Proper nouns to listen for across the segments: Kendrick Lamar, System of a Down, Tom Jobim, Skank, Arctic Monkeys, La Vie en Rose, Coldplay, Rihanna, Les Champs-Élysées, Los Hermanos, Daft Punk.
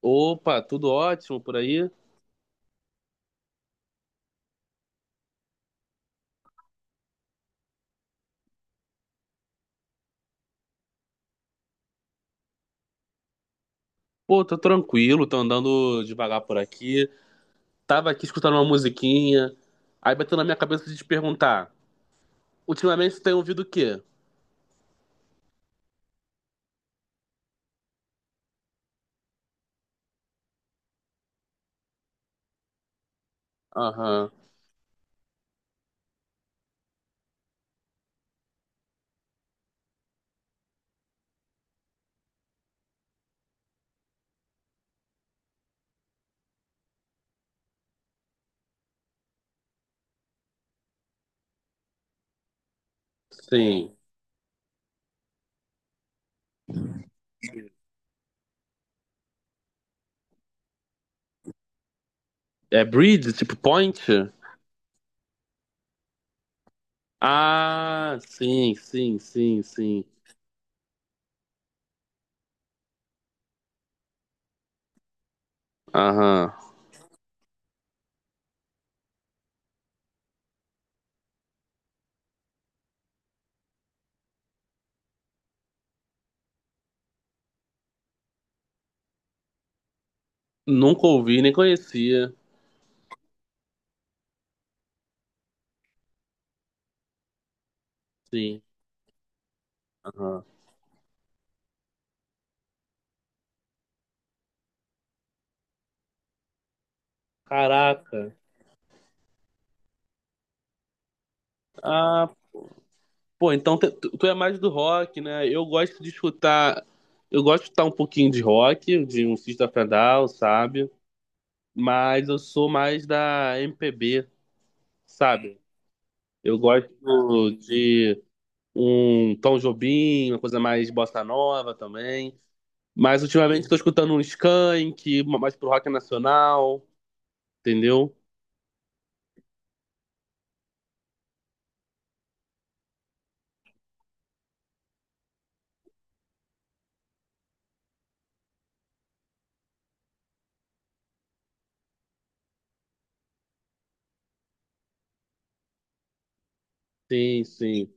Opa, tudo ótimo por aí? Pô, tô tranquilo, tô andando devagar por aqui. Tava aqui escutando uma musiquinha. Aí bateu na minha cabeça de te perguntar: ultimamente você tem ouvido o quê? Aham, sim. É Bridge, tipo Point? Ah, sim, sim, sim, sim. Aham. Nunca ouvi, nem conhecia. Sim, aham. Caraca. Ah, pô, então tu é mais do rock, né? Eu gosto de escutar. Eu gosto de escutar um pouquinho de rock, de um System of a Down, sabe? Mas eu sou mais da MPB, sabe? Eu gosto de um Tom Jobim, uma coisa mais bossa nova também. Mas ultimamente estou escutando um Skank, mais pro rock nacional, entendeu? Sim, sim.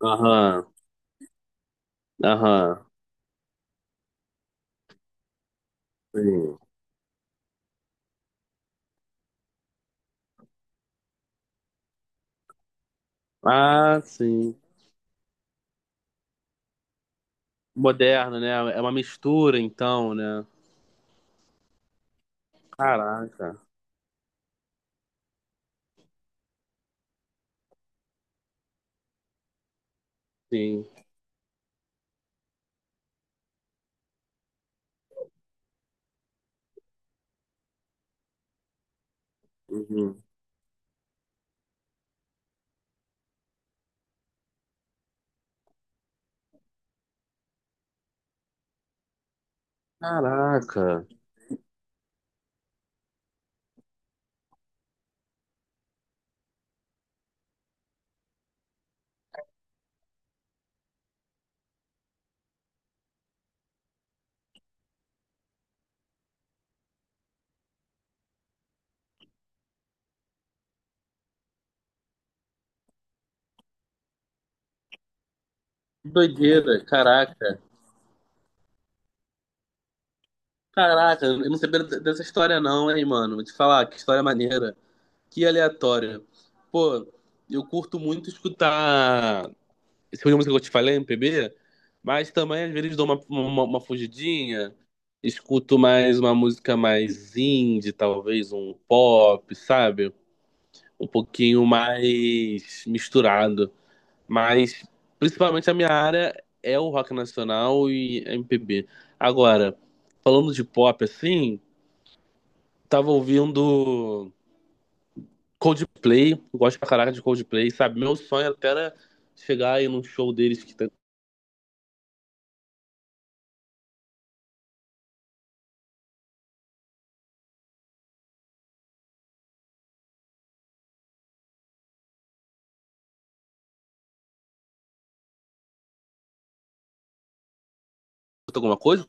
Aham, aham, sim. Ah, sim. Moderna, né? É uma mistura, então, né? Caraca, sim. Uhum. Caraca. Que Doideira, caraca. Caraca, eu não sabia dessa história não, hein, mano. Vou te falar, que história maneira. Que aleatória. Pô, eu curto muito escutar esse tipo de música que eu te falei, MPB, mas também às vezes dou uma fugidinha, escuto mais uma música mais indie, talvez um pop, sabe? Um pouquinho mais misturado. Mas principalmente a minha área é o rock nacional e MPB. Agora, falando de pop assim, tava ouvindo Coldplay, gosto pra caraca de Coldplay, sabe? Meu sonho até era chegar aí num show deles que tem escuta alguma coisa.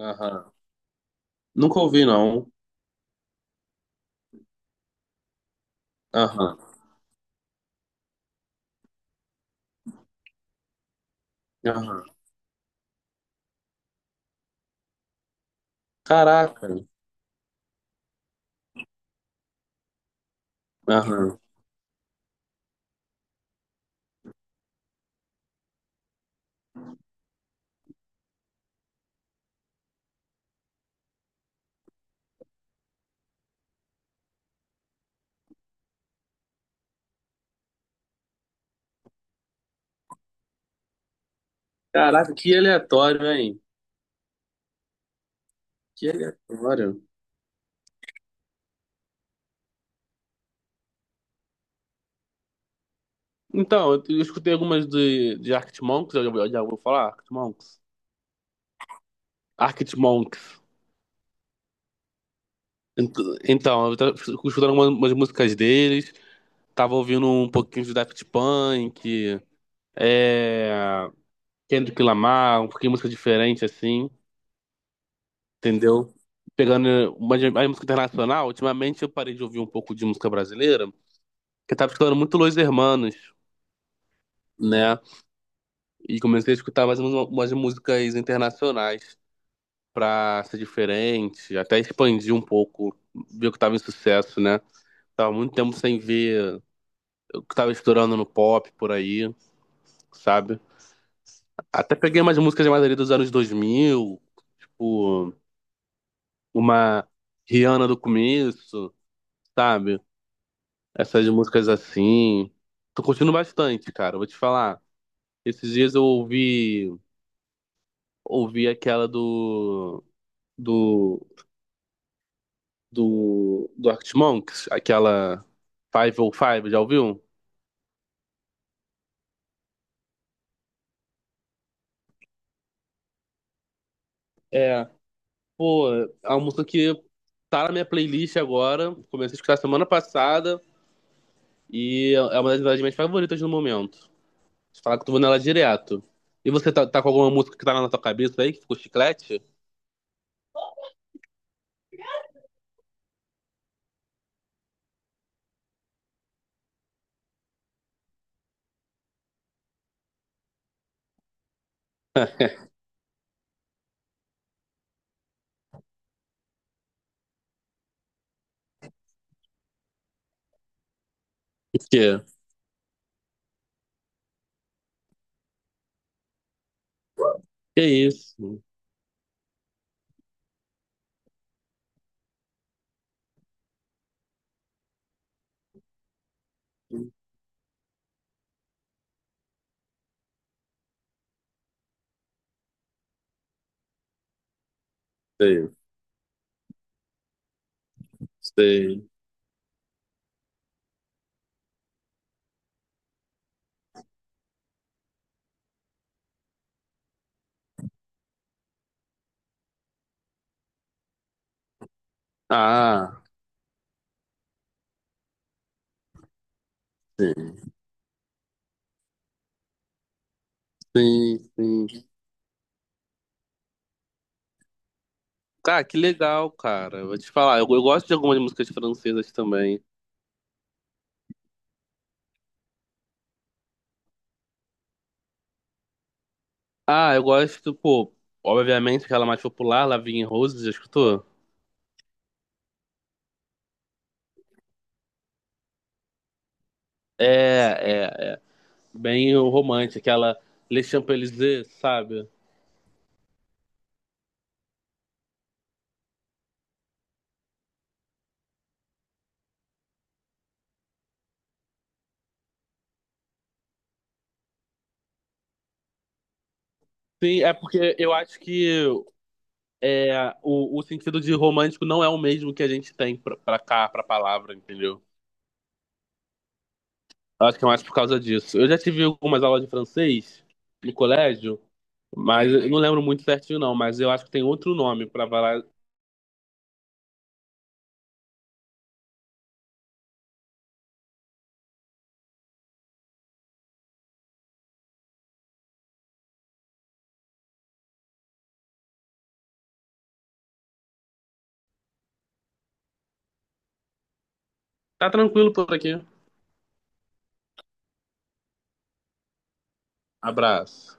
Aham. Nunca ouvi, não. Aham. Aham. Caraca. Aham. Caraca, que aleatório, hein? Que aleatório. Então, eu escutei algumas de Arctic Monkeys, eu já ouviu falar? Arctic Monkeys? Arctic Monkeys. Ent- Então, eu tava escutando algumas umas músicas deles, tava ouvindo um pouquinho de Daft Punk, é, Kendrick Lamar, um pouquinho de música diferente, assim, entendeu? Pegando a música internacional, ultimamente eu parei de ouvir um pouco de música brasileira, porque eu tava escutando muito Los Hermanos, né? E comecei a escutar mais umas músicas internacionais. Pra ser diferente, até expandir um pouco, ver o que tava em sucesso, né? Tava muito tempo sem ver o que tava estourando no pop por aí, sabe? Até peguei umas músicas de ali dos anos 2000, tipo, uma Rihanna do começo, sabe? Essas músicas assim. Tô curtindo bastante, cara, vou te falar. Esses dias eu ouvi aquela do, do Arctic Monkeys, aquela Five oh Five, já ouviu? É, pô, a música que tá na minha playlist agora, comecei a escutar semana passada e é uma das minhas favoritas no momento. Você fala que tu vou nela direto. E você tá com alguma música que tá na tua cabeça aí, que ficou chiclete? Que, que isso? Sei, sei. Ah, sim, sim, sim. Cara, que legal, cara. Vou te falar, eu gosto de algumas músicas francesas também. Ah, eu gosto, pô, obviamente aquela mais popular, La Vie en Rose, já escutou? É bem romântica, aquela Les Champs-Élysées, sabe? Sim, é porque eu acho que é, o sentido de romântico não é o mesmo que a gente tem pra cá, pra palavra, entendeu? Eu acho que é mais por causa disso. Eu já tive algumas aulas de francês no colégio, mas eu não lembro muito certinho, não. Mas eu acho que tem outro nome pra falar. Tá tranquilo por aqui. Abraço.